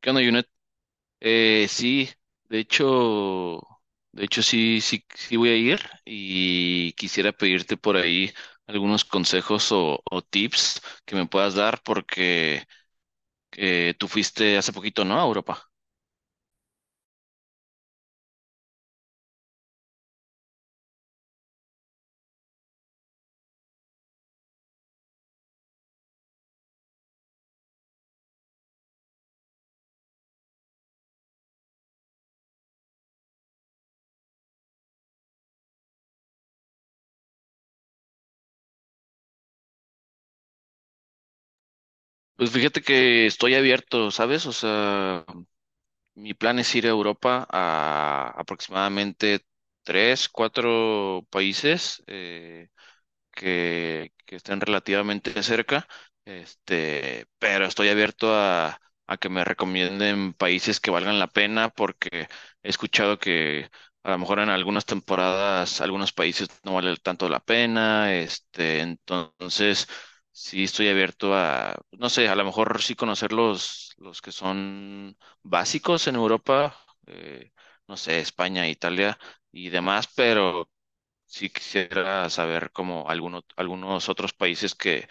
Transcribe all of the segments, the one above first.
¿Qué onda, Junet? Sí, de hecho, de hecho sí, sí voy a ir y quisiera pedirte por ahí algunos consejos o tips que me puedas dar porque tú fuiste hace poquito, ¿no? A Europa. Pues fíjate que estoy abierto, ¿sabes? O sea, mi plan es ir a Europa a aproximadamente tres, cuatro países. Que estén relativamente cerca, este, pero estoy abierto a que me recomienden países que valgan la pena porque he escuchado que a lo mejor en algunas temporadas algunos países no valen tanto la pena, este, entonces sí estoy abierto a, no sé, a lo mejor sí conocer los que son básicos en Europa, eh, no sé, España, Italia y demás, pero sí quisiera saber como algunos otros países que,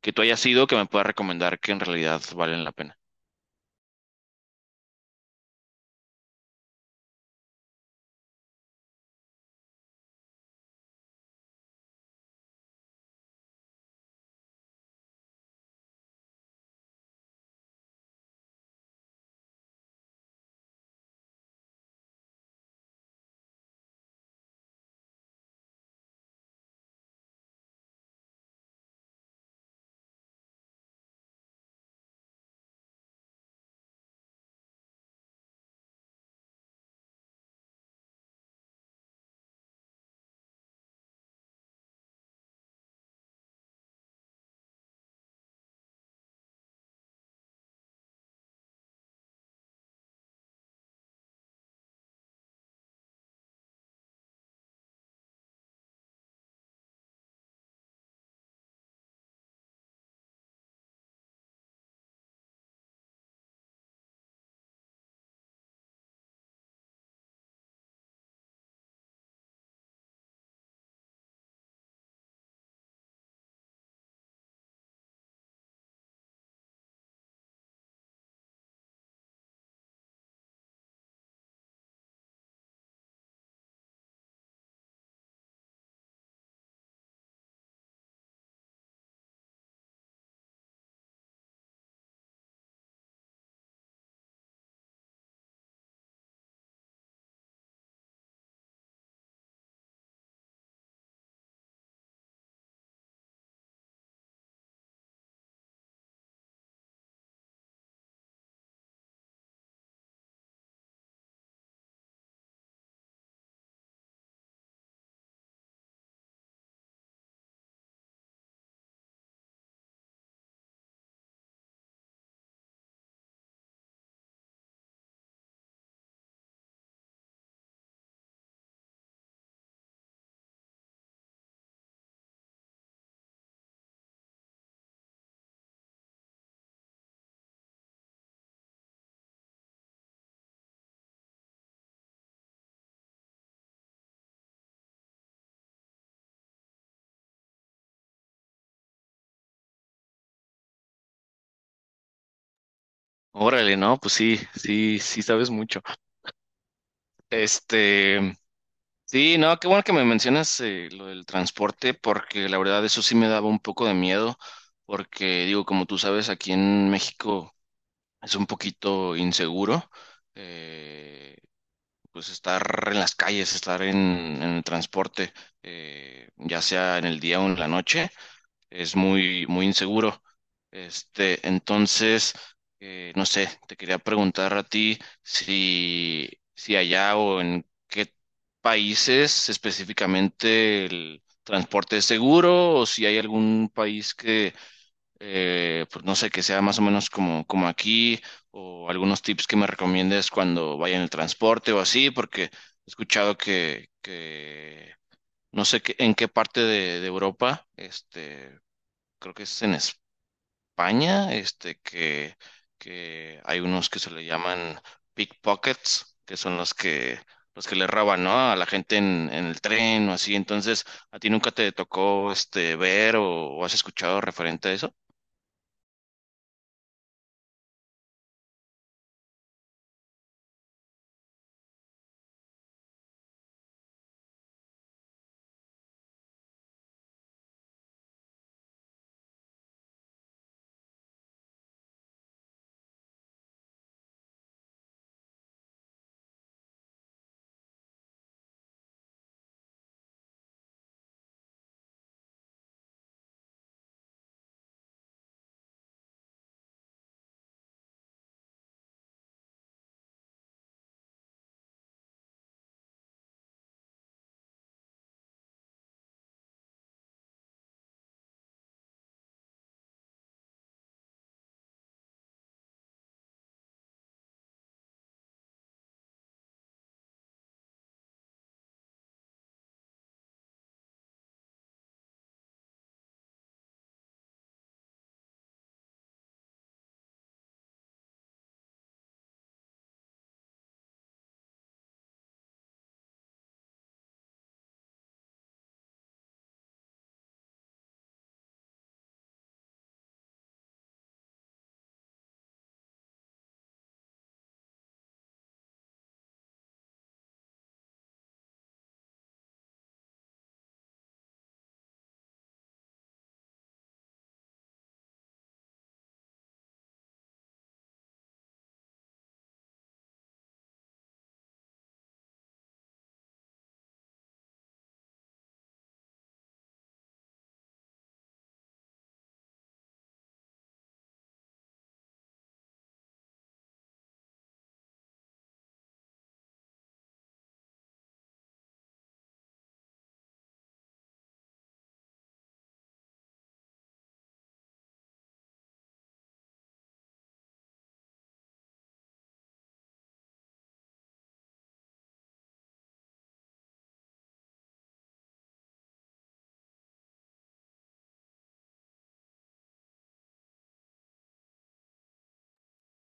que tú hayas ido que me pueda recomendar que en realidad valen la pena. Órale, no, pues sí, sí sabes mucho. Este, sí, no, qué bueno que me mencionas lo del transporte porque la verdad eso sí me daba un poco de miedo porque digo, como tú sabes, aquí en México es un poquito inseguro. eh, pues estar en las calles, estar en el transporte, ya sea en el día o en la noche. Es muy, muy inseguro. Este, entonces, no sé, te quería preguntar a ti si allá o en qué países específicamente el transporte es seguro o si hay algún país que, pues no sé, que sea más o menos como, como aquí o algunos tips que me recomiendes cuando vaya en el transporte o así, porque he escuchado que no sé en qué parte de Europa, este creo que es en España, este, que hay unos que se le llaman pickpockets, que son los que le roban, ¿no? A la gente en el tren o así. Entonces, ¿a ti nunca te tocó, este, ver o has escuchado referente a eso?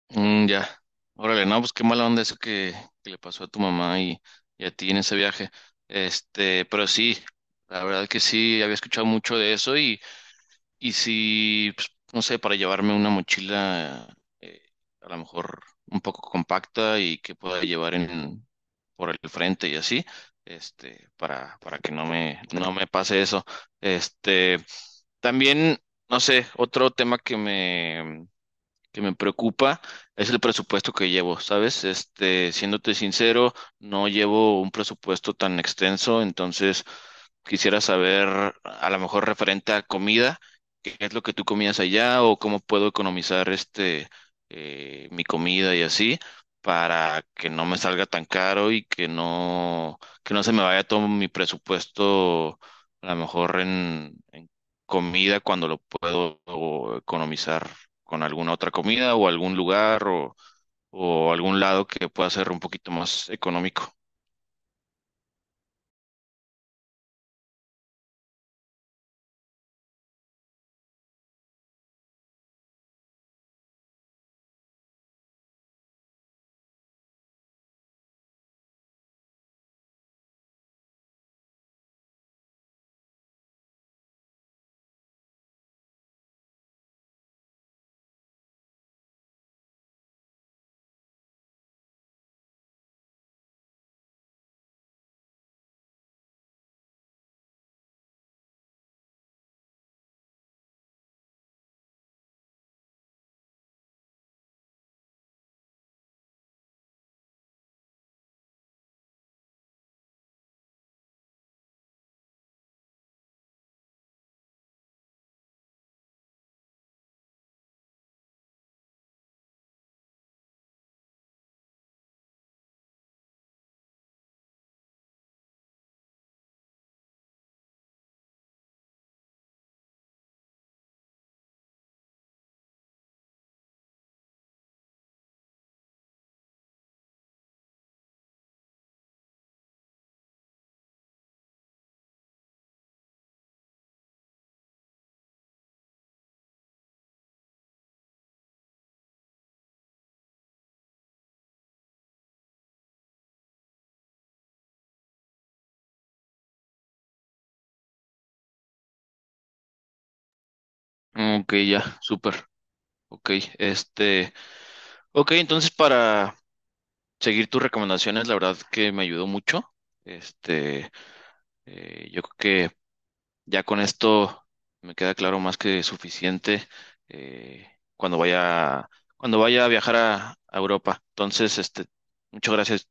Mm, ya. Órale, no, pues qué mala onda eso que le pasó a tu mamá y a ti en ese viaje. Este, pero sí, la verdad que sí, había escuchado mucho de eso. Y si, pues, no sé, para llevarme una mochila eh, a lo mejor un poco compacta y que pueda llevar por el frente y así, este, para que no me, no me pase eso. Este, también, no sé, otro tema que me preocupa es el presupuesto que llevo, ¿sabes? Este, siéndote sincero, no llevo un presupuesto tan extenso, entonces quisiera saber, a lo mejor referente a comida, qué es lo que tú comías allá o cómo puedo economizar este mi comida y así para que no me salga tan caro y que que no se me vaya todo mi presupuesto a lo mejor en comida cuando lo puedo economizar con alguna otra comida o algún lugar o algún lado que pueda ser un poquito más económico. Mm, ok, ya, súper. Ok, este, ok, entonces para seguir tus recomendaciones, la verdad que me ayudó mucho. Este, yo creo que ya con esto me queda claro más que suficiente. Eh, cuando vaya, cuando vaya a viajar a Europa. Entonces, este, muchas gracias.